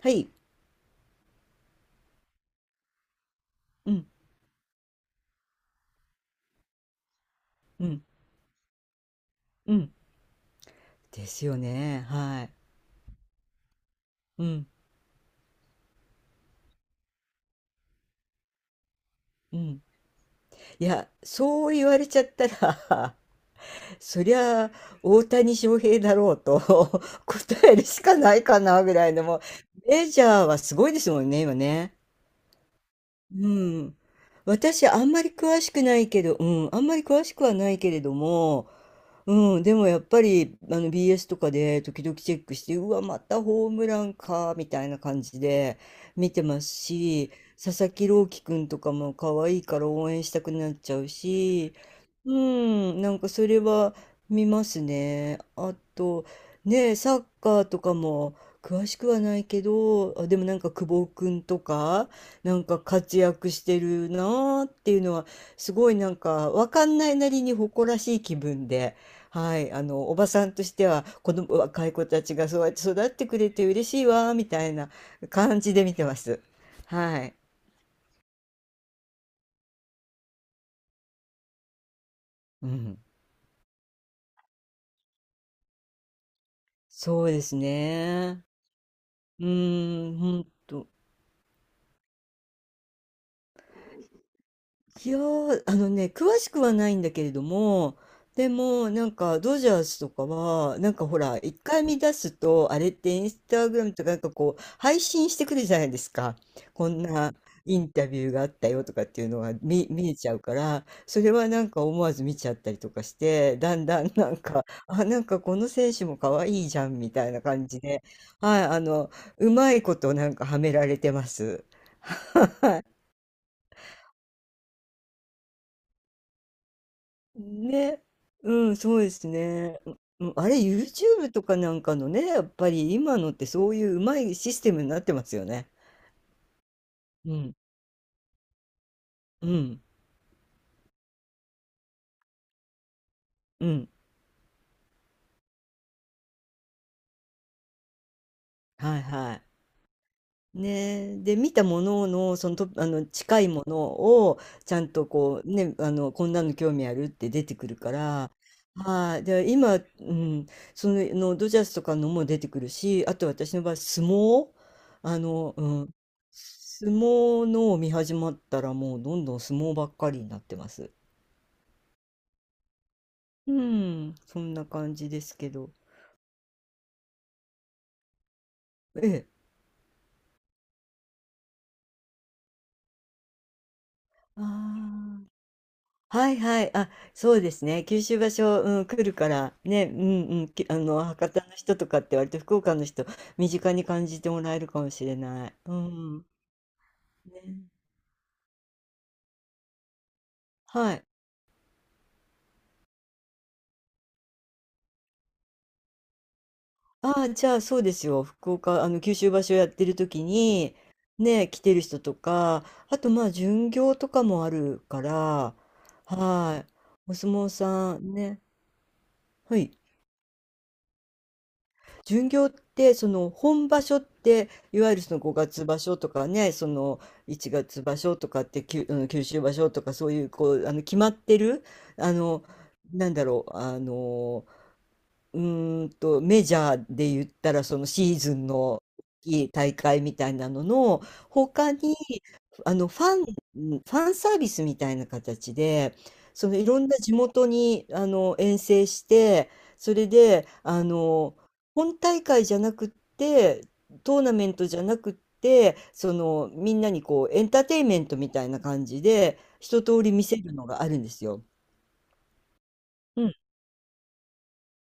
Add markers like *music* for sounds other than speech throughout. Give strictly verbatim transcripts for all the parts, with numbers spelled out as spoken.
はい。うん、うん、うん。ですよね。はい。うん、うん。いや、そう言われちゃったら、*laughs* そりゃ、大谷翔平だろうと *laughs* 答えるしかないかな、ぐらいのもう、メジャーはすごいですもんね、今ね。うん。私、あんまり詳しくないけど、うん、あんまり詳しくはないけれども、うん、でもやっぱりあの ビーエス とかで時々チェックしてうわまたホームランかみたいな感じで見てますし、佐々木朗希くんとかも可愛いから応援したくなっちゃうし、うんなんかそれは見ますね。あとねえ、サッカーとかも詳しくはないけど、あでもなんか久保くんとかなんか活躍してるなーっていうのはすごい、なんかわかんないなりに誇らしい気分で。はい、あの、おばさんとしては、子供、若い子たちがそうやって育ってくれて嬉しいわ、みたいな感じで見てます。はい。うん。そうですね。うーん、本当、いやー、あのね、詳しくはないんだけれども、でも、なんか、ドジャースとかは、なんかほら、一回見出すと、あれってインスタグラムとか、なんかこう、配信してくるじゃないですか。こんなインタビューがあったよとかっていうのが見、見えちゃうから、それはなんか思わず見ちゃったりとかして、だんだんなんか、あ、なんかこの選手も可愛いじゃんみたいな感じで、はい、あの、うまいことなんかはめられてます。*laughs* ね、うん、そうですね。ううん、あれ、YouTube とかなんかのね、やっぱり今のってそういううまいシステムになってますよね。うん、うん、うん。はいはい。ねえ、で見たものの、その、と、あの近いものをちゃんとこうね、あのこんなの興味あるって出てくるから、はい、で今、うん、その、のドジャースとかのも出てくるし、あと私の場合相撲、あの、うん、相撲のを見始まったらもうどんどん相撲ばっかりになってます。うん、そんな感じですけど。ええ。あ。はいはい。あ、そうですね。九州場所、うん、来るから、ね、うんうん、きあの、博多の人とかって割と福岡の人、身近に感じてもらえるかもしれない。うん。ね。はい。ああ、じゃあそうですよ。福岡、あの、九州場所やってる時に、ね、来てる人とか、あとまあ、巡業とかもあるから、はい。お相撲さんね。はい。巡業ってその本場所っていわゆるそのごがつ場所とかね、そのいちがつ場所とかって、きゅあの九州場所とか、そういうこうあの決まってるあのなんだろう、あの、うーんと、メジャーで言ったら、そのシーズンのいい大会みたいなのの、他に、あの、ファン、ファンサービスみたいな形で、そのいろんな地元に、あの、遠征して、それで、あの、本大会じゃなくって、トーナメントじゃなくって、その、みんなにこう、エンターテインメントみたいな感じで、一通り見せるのがあるんですよ。うん、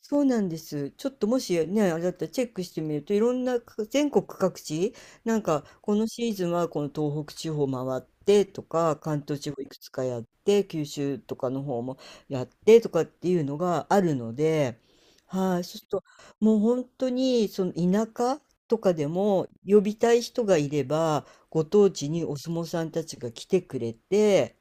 そうなんです。ちょっともしね、あれだったらチェックしてみると、いろんなか全国各地、なんかこのシーズンはこの東北地方回ってとか、関東地方いくつかやって、九州とかの方もやってとかっていうのがあるので、はい、そうするともう本当にその田舎とかでも呼びたい人がいれば、ご当地にお相撲さんたちが来てくれて、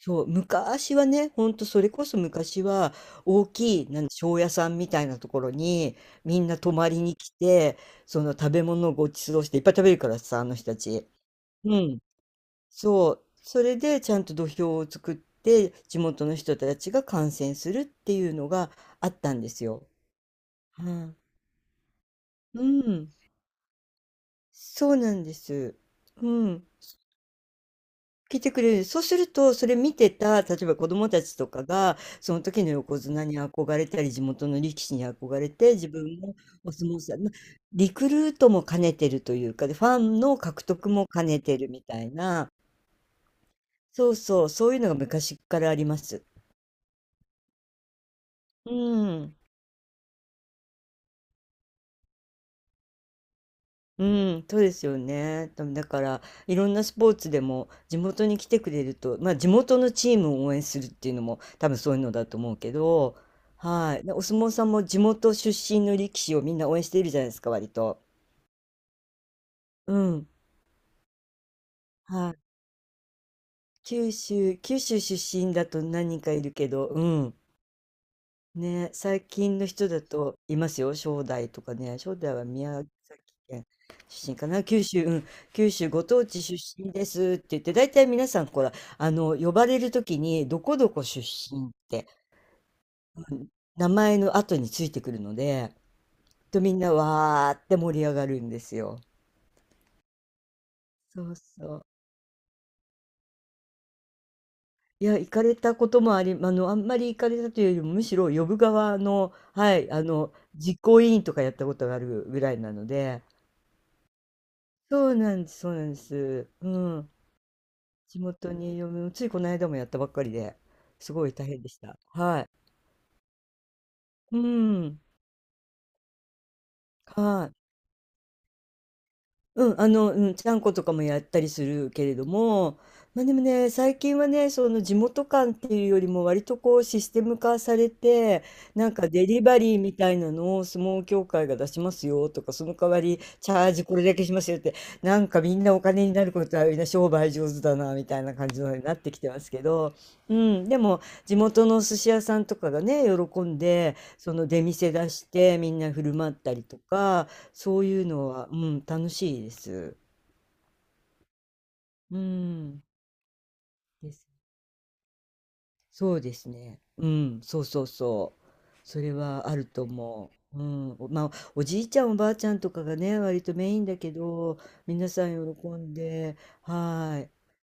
そう、昔はね、ほんとそれこそ昔は大きい、なん、庄屋さんみたいなところにみんな泊まりに来て、その食べ物をご馳走していっぱい食べるからさ、あの人たち。うん。そう。それでちゃんと土俵を作って地元の人たちが観戦するっていうのがあったんですよ。はい。うん。そうなんです。うん。聞いてくれる。そうすると、それ見てた、例えば子供たちとかが、その時の横綱に憧れたり、地元の力士に憧れて、自分もお相撲さん、ま、リクルートも兼ねてるというか、で、ファンの獲得も兼ねてるみたいな、そうそう、そういうのが昔っからあります。うーん。うん、そうですよね。でもだから、いろんなスポーツでも地元に来てくれると、まあ地元のチームを応援するっていうのも多分そういうのだと思うけど、はい。でお相撲さんも地元出身の力士をみんな応援しているじゃないですか、割と。うん。はい。九州、九州出身だと何人かいるけど、うん。ね、最近の人だといますよ、正代とかね、正代は宮崎県出身かな、九州、うん、九州ご当地出身ですって言って、大体皆さん、ほら、あの、呼ばれるときに、どこどこ出身って、うん、名前の後についてくるので、とみんなわーって盛り上がるんですよ。そうそう。いや、行かれたこともあり、あの、あんまり行かれたというよりも、むしろ呼ぶ側の、はい、あの、実行委員とかやったことがあるぐらいなので、そうなんです、そうなんです。うん。地元に嫁も、ついこの間もやったばっかりで、すごい大変でした。はい。うん。はい。うん、あの、うん、ちゃんことかもやったりするけれども、まあ、でもね、最近はね、その地元感っていうよりも割とこうシステム化されて、なんかデリバリーみたいなのを相撲協会が出しますよとか、その代わりチャージこれだけしますよって、なんかみんなお金になることはみんな商売上手だなみたいな感じのになってきてますけど、うん、でも地元の寿司屋さんとかがね、喜んで、その出店出してみんな振る舞ったりとか、そういうのは、うん、楽しいです。うん。です。そうですね。うん、そうそうそう。それはあると思う。うん、おまあ、おじいちゃんおばあちゃんとかがね、割とメインだけど、皆さん喜んで、はい。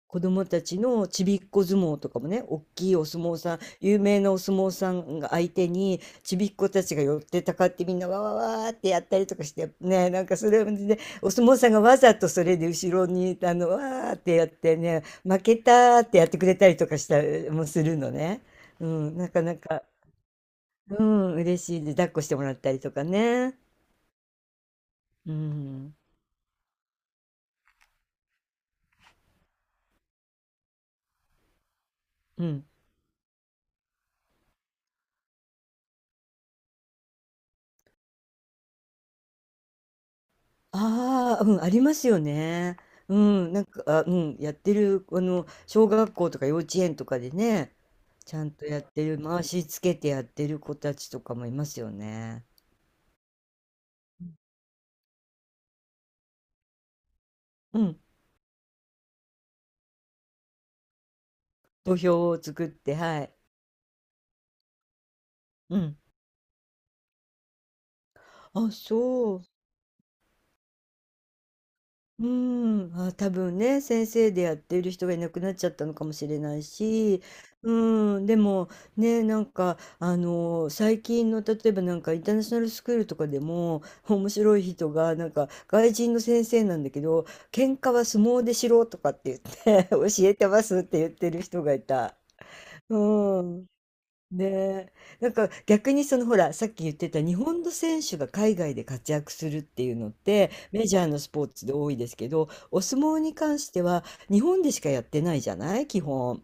子供たちのちびっこ相撲とかもね、おっきいお相撲さん、有名なお相撲さんが相手に、ちびっこたちが寄ってたかってみんなわわわーってやったりとかして、ね、なんかそれで、ねお相撲さんがわざとそれで後ろに、あの、わーってやってね、負けたーってやってくれたりとかしたりもするのね。うん、なかなか、うん、嬉しいで、抱っこしてもらったりとかね。うん、うん。ああ、うん、ありますよね。うん、なんか、あ、うん、やってる、あの、小学校とか幼稚園とかでね、ちゃんとやってる、回しつけてやってる子たちとかもいますよね。うん、土俵を作って、はい。うん。あ、そう。うーん、あ、多分ね、先生でやっている人がいなくなっちゃったのかもしれないし、うーん、でもね、なんか、あの、最近の例えばなんかインターナショナルスクールとかでも、面白い人が、なんか外人の先生なんだけど、喧嘩は相撲でしろとかって言って *laughs* 教えてますって言ってる人がいた。うーん。ねえ、なんか逆にそのほらさっき言ってた日本の選手が海外で活躍するっていうのってメジャーのスポーツで多いですけど、お相撲に関しては日本でしかやってないじゃない、基本。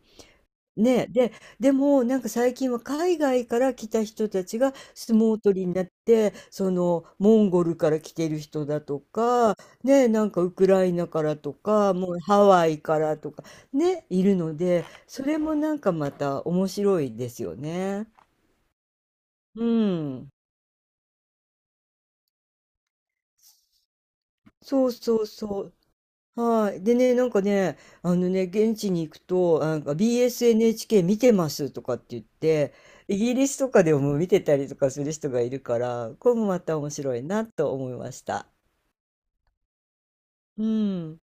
ねえ、で、でもなんか最近は海外から来た人たちが相撲取りになって、そのモンゴルから来てる人だとか、ねえなんかウクライナからとかもうハワイからとかね、いるのでそれもなんかまた面白いですよね。うん。そうそうそう。はい。でね、なんかね、あのね、現地に行くと、なんか ビーエスエヌエイチケー 見てますとかって言って、イギリスとかでも見てたりとかする人がいるから、これもまた面白いなと思いました。うん。